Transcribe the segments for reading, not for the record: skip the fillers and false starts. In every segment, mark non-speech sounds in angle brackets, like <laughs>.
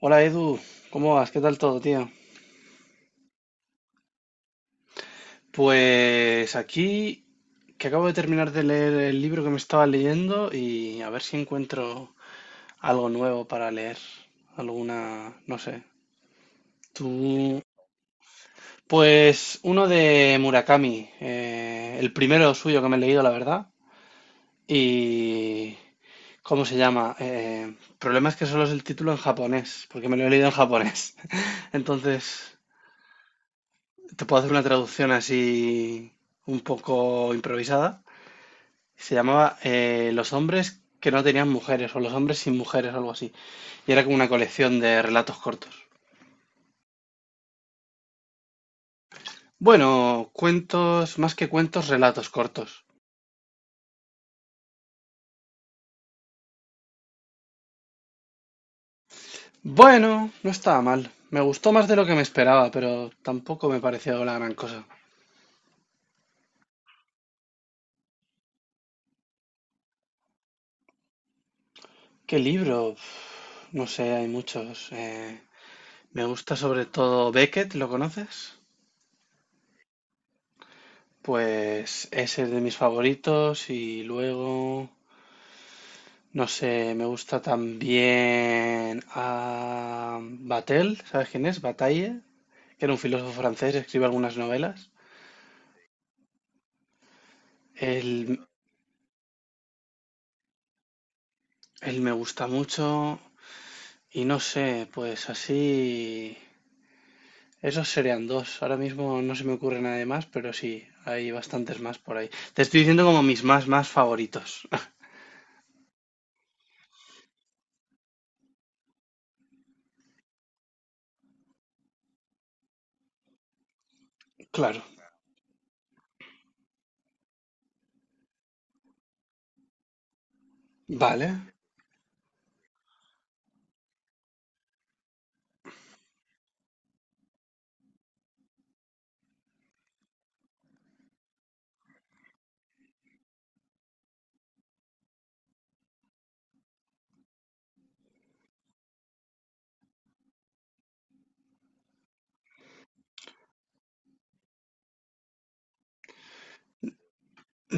Hola Edu, ¿cómo vas? ¿Qué tal todo, tío? Pues aquí que acabo de terminar de leer el libro que me estaba leyendo y a ver si encuentro algo nuevo para leer, alguna, no sé. Tú, pues uno de Murakami, el primero suyo que me he leído, la verdad. Y ¿cómo se llama? Problema es que solo es el título en japonés, porque me lo he leído en japonés. <laughs> Entonces, te puedo hacer una traducción así un poco improvisada. Se llamaba Los hombres que no tenían mujeres o Los hombres sin mujeres o algo así. Y era como una colección de relatos cortos. Bueno, cuentos, más que cuentos, relatos cortos. Bueno, no estaba mal. Me gustó más de lo que me esperaba, pero tampoco me pareció la gran cosa. ¿Qué libro? Uf, no sé, hay muchos. Me gusta sobre todo Beckett, ¿lo conoces? Pues ese es de mis favoritos y luego, no sé, me gusta también a Batel, ¿sabes quién es? Bataille, que era un filósofo francés, escribe algunas novelas. Él, él me gusta mucho y no sé, pues así, esos serían dos. Ahora mismo no se me ocurre nada más, pero sí, hay bastantes más por ahí. Te estoy diciendo como mis más favoritos. <laughs> Claro, vale.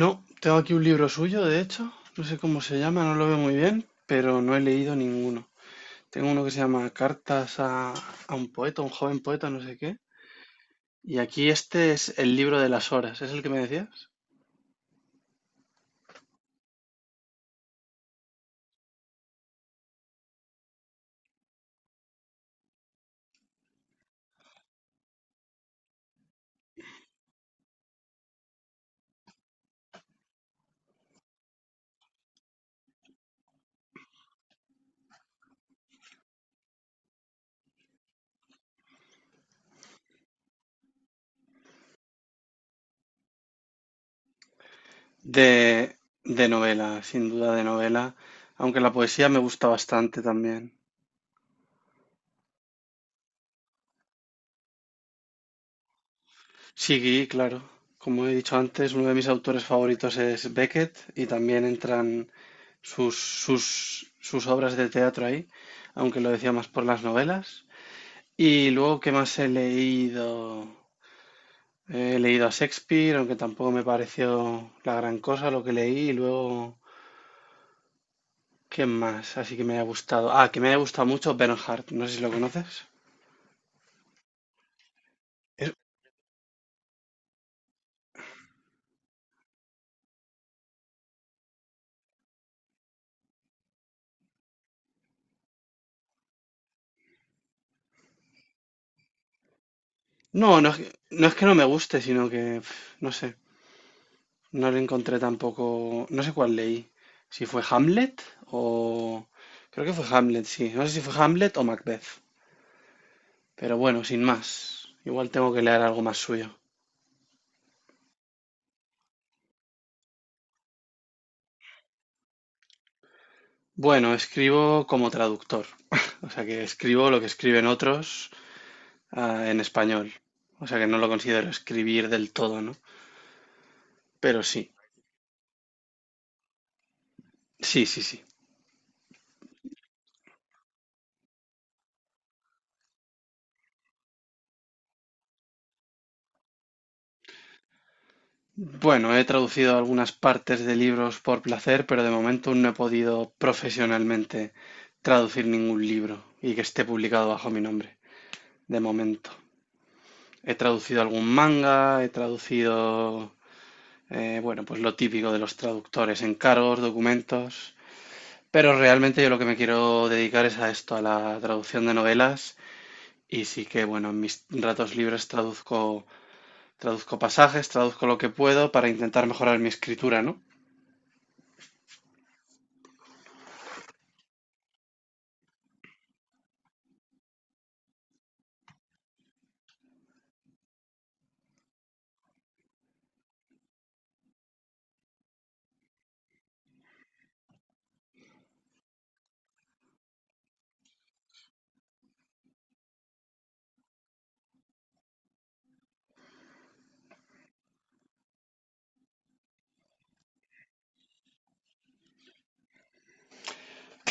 No, tengo aquí un libro suyo, de hecho, no sé cómo se llama, no lo veo muy bien, pero no he leído ninguno. Tengo uno que se llama Cartas a un poeta, un joven poeta, no sé qué. Y aquí este es el libro de las horas, ¿es el que me decías? De, de novela, sin duda de novela, aunque la poesía me gusta bastante también. Sí, claro. Como he dicho antes, uno de mis autores favoritos es Beckett y también entran sus obras de teatro ahí, aunque lo decía más por las novelas. Y luego, ¿qué más he leído? He leído a Shakespeare, aunque tampoco me pareció la gran cosa lo que leí. Y luego, ¿qué más? Así que me haya gustado. Ah, que me haya gustado mucho Bernhardt. No sé si lo conoces. Es- No, no es que no me guste, sino que, no sé, no le encontré tampoco, no sé cuál leí. Si fue Hamlet o. Creo que fue Hamlet, sí. No sé si fue Hamlet o Macbeth. Pero bueno, sin más. Igual tengo que leer algo más suyo. Bueno, escribo como traductor, <laughs> o sea que escribo lo que escriben otros en español, o sea que no lo considero escribir del todo, ¿no? Pero sí, sí, sí, sí. Bueno, he traducido algunas partes de libros por placer, pero de momento no he podido profesionalmente traducir ningún libro y que esté publicado bajo mi nombre, de momento. He traducido algún manga, he traducido, bueno, pues lo típico de los traductores, encargos, documentos. Pero realmente yo lo que me quiero dedicar es a esto, a la traducción de novelas. Y sí que, bueno, en mis ratos libres traduzco pasajes, traduzco lo que puedo para intentar mejorar mi escritura, ¿no?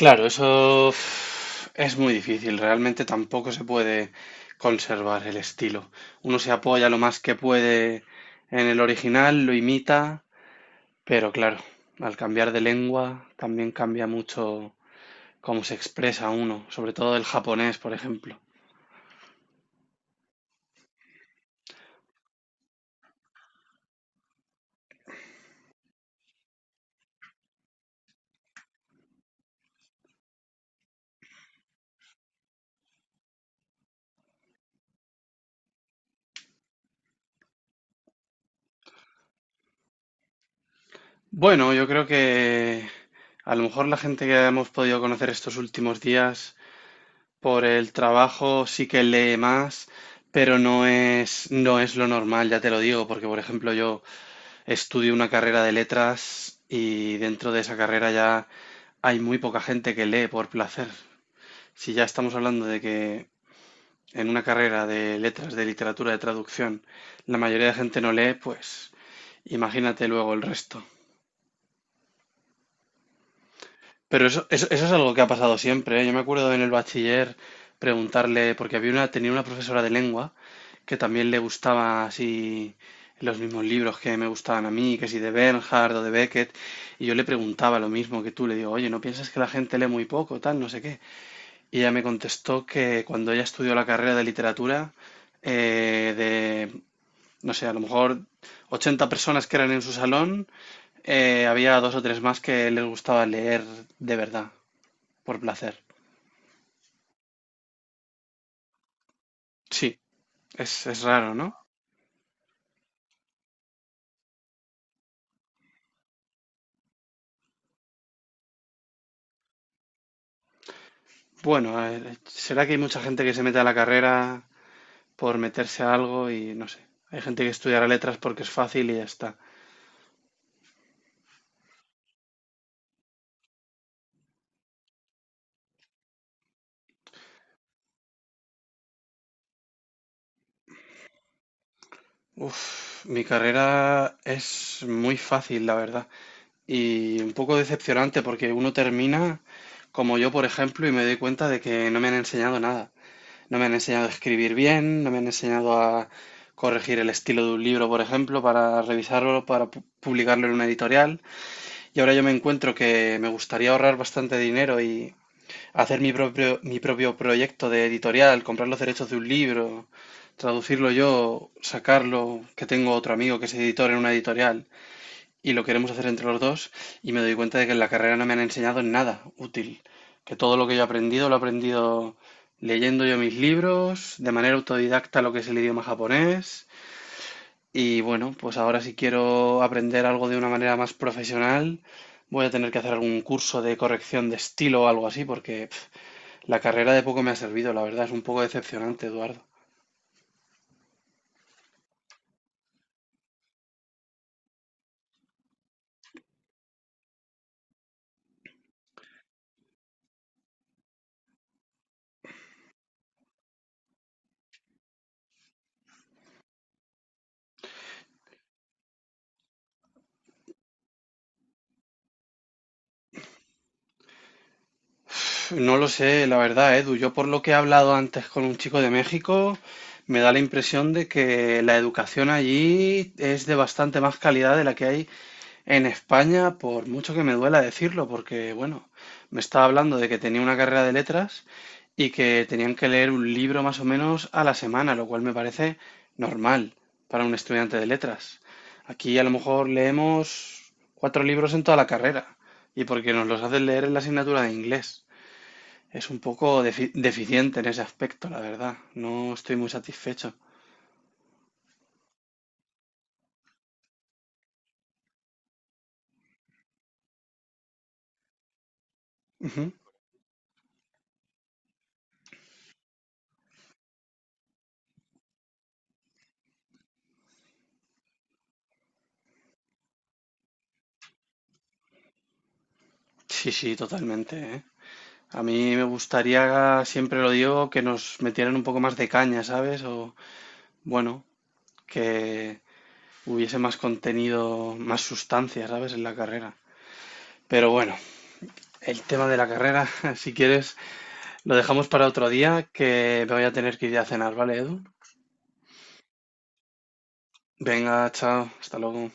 Claro, eso es muy difícil. Realmente tampoco se puede conservar el estilo. Uno se apoya lo más que puede en el original, lo imita, pero claro, al cambiar de lengua también cambia mucho cómo se expresa uno, sobre todo el japonés, por ejemplo. Bueno, yo creo que a lo mejor la gente que hemos podido conocer estos últimos días por el trabajo sí que lee más, pero no es lo normal, ya te lo digo, porque por ejemplo yo estudio una carrera de letras y dentro de esa carrera ya hay muy poca gente que lee por placer. Si ya estamos hablando de que en una carrera de letras, de literatura, de traducción, la mayoría de gente no lee, pues imagínate luego el resto. Pero eso es algo que ha pasado siempre, ¿eh? Yo me acuerdo en el bachiller preguntarle, porque tenía una profesora de lengua que también le gustaba así los mismos libros que me gustaban a mí, que si de Bernhard o de Beckett, y yo le preguntaba lo mismo que tú, le digo, oye, ¿no piensas que la gente lee muy poco, tal, no sé qué? Y ella me contestó que cuando ella estudió la carrera de literatura, de, no sé, a lo mejor 80 personas que eran en su salón, había dos o tres más que les gustaba leer de verdad. Por placer. Sí, es raro, ¿no? Bueno, a ver, será que hay mucha gente que se mete a la carrera por meterse a algo y no sé. Hay gente que estudiará letras porque es fácil y ya está. Uf, mi carrera es muy fácil, la verdad. Y un poco decepcionante porque uno termina como yo, por ejemplo, y me doy cuenta de que no me han enseñado nada. No me han enseñado a escribir bien, no me han enseñado a corregir el estilo de un libro, por ejemplo, para revisarlo, para publicarlo en una editorial. Y ahora yo me encuentro que me gustaría ahorrar bastante dinero y hacer mi propio proyecto de editorial, comprar los derechos de un libro, traducirlo yo, sacarlo, que tengo otro amigo que es editor en una editorial y lo queremos hacer entre los dos y me doy cuenta de que en la carrera no me han enseñado nada útil, que todo lo que yo he aprendido lo he aprendido leyendo yo mis libros, de manera autodidacta lo que es el idioma japonés y bueno, pues ahora si quiero aprender algo de una manera más profesional, voy a tener que hacer algún curso de corrección de estilo o algo así, porque la carrera de poco me ha servido, la verdad, es un poco decepcionante, Eduardo. No lo sé, la verdad, ¿eh? Edu, yo por lo que he hablado antes con un chico de México, me da la impresión de que la educación allí es de bastante más calidad de la que hay en España, por mucho que me duela decirlo, porque bueno, me estaba hablando de que tenía una carrera de letras y que tenían que leer un libro más o menos a la semana, lo cual me parece normal para un estudiante de letras. Aquí a lo mejor leemos cuatro libros en toda la carrera y porque nos los hacen leer en la asignatura de inglés. Es un poco deficiente en ese aspecto, la verdad. No estoy muy satisfecho. Ujú. Sí, sí, totalmente, ¿eh? A mí me gustaría, siempre lo digo, que nos metieran un poco más de caña, ¿sabes? O, bueno, que hubiese más contenido, más sustancia, ¿sabes? En la carrera. Pero bueno, el tema de la carrera, <laughs> si quieres, lo dejamos para otro día, que me voy a tener que ir a cenar, ¿vale, Edu? Venga, chao, hasta luego.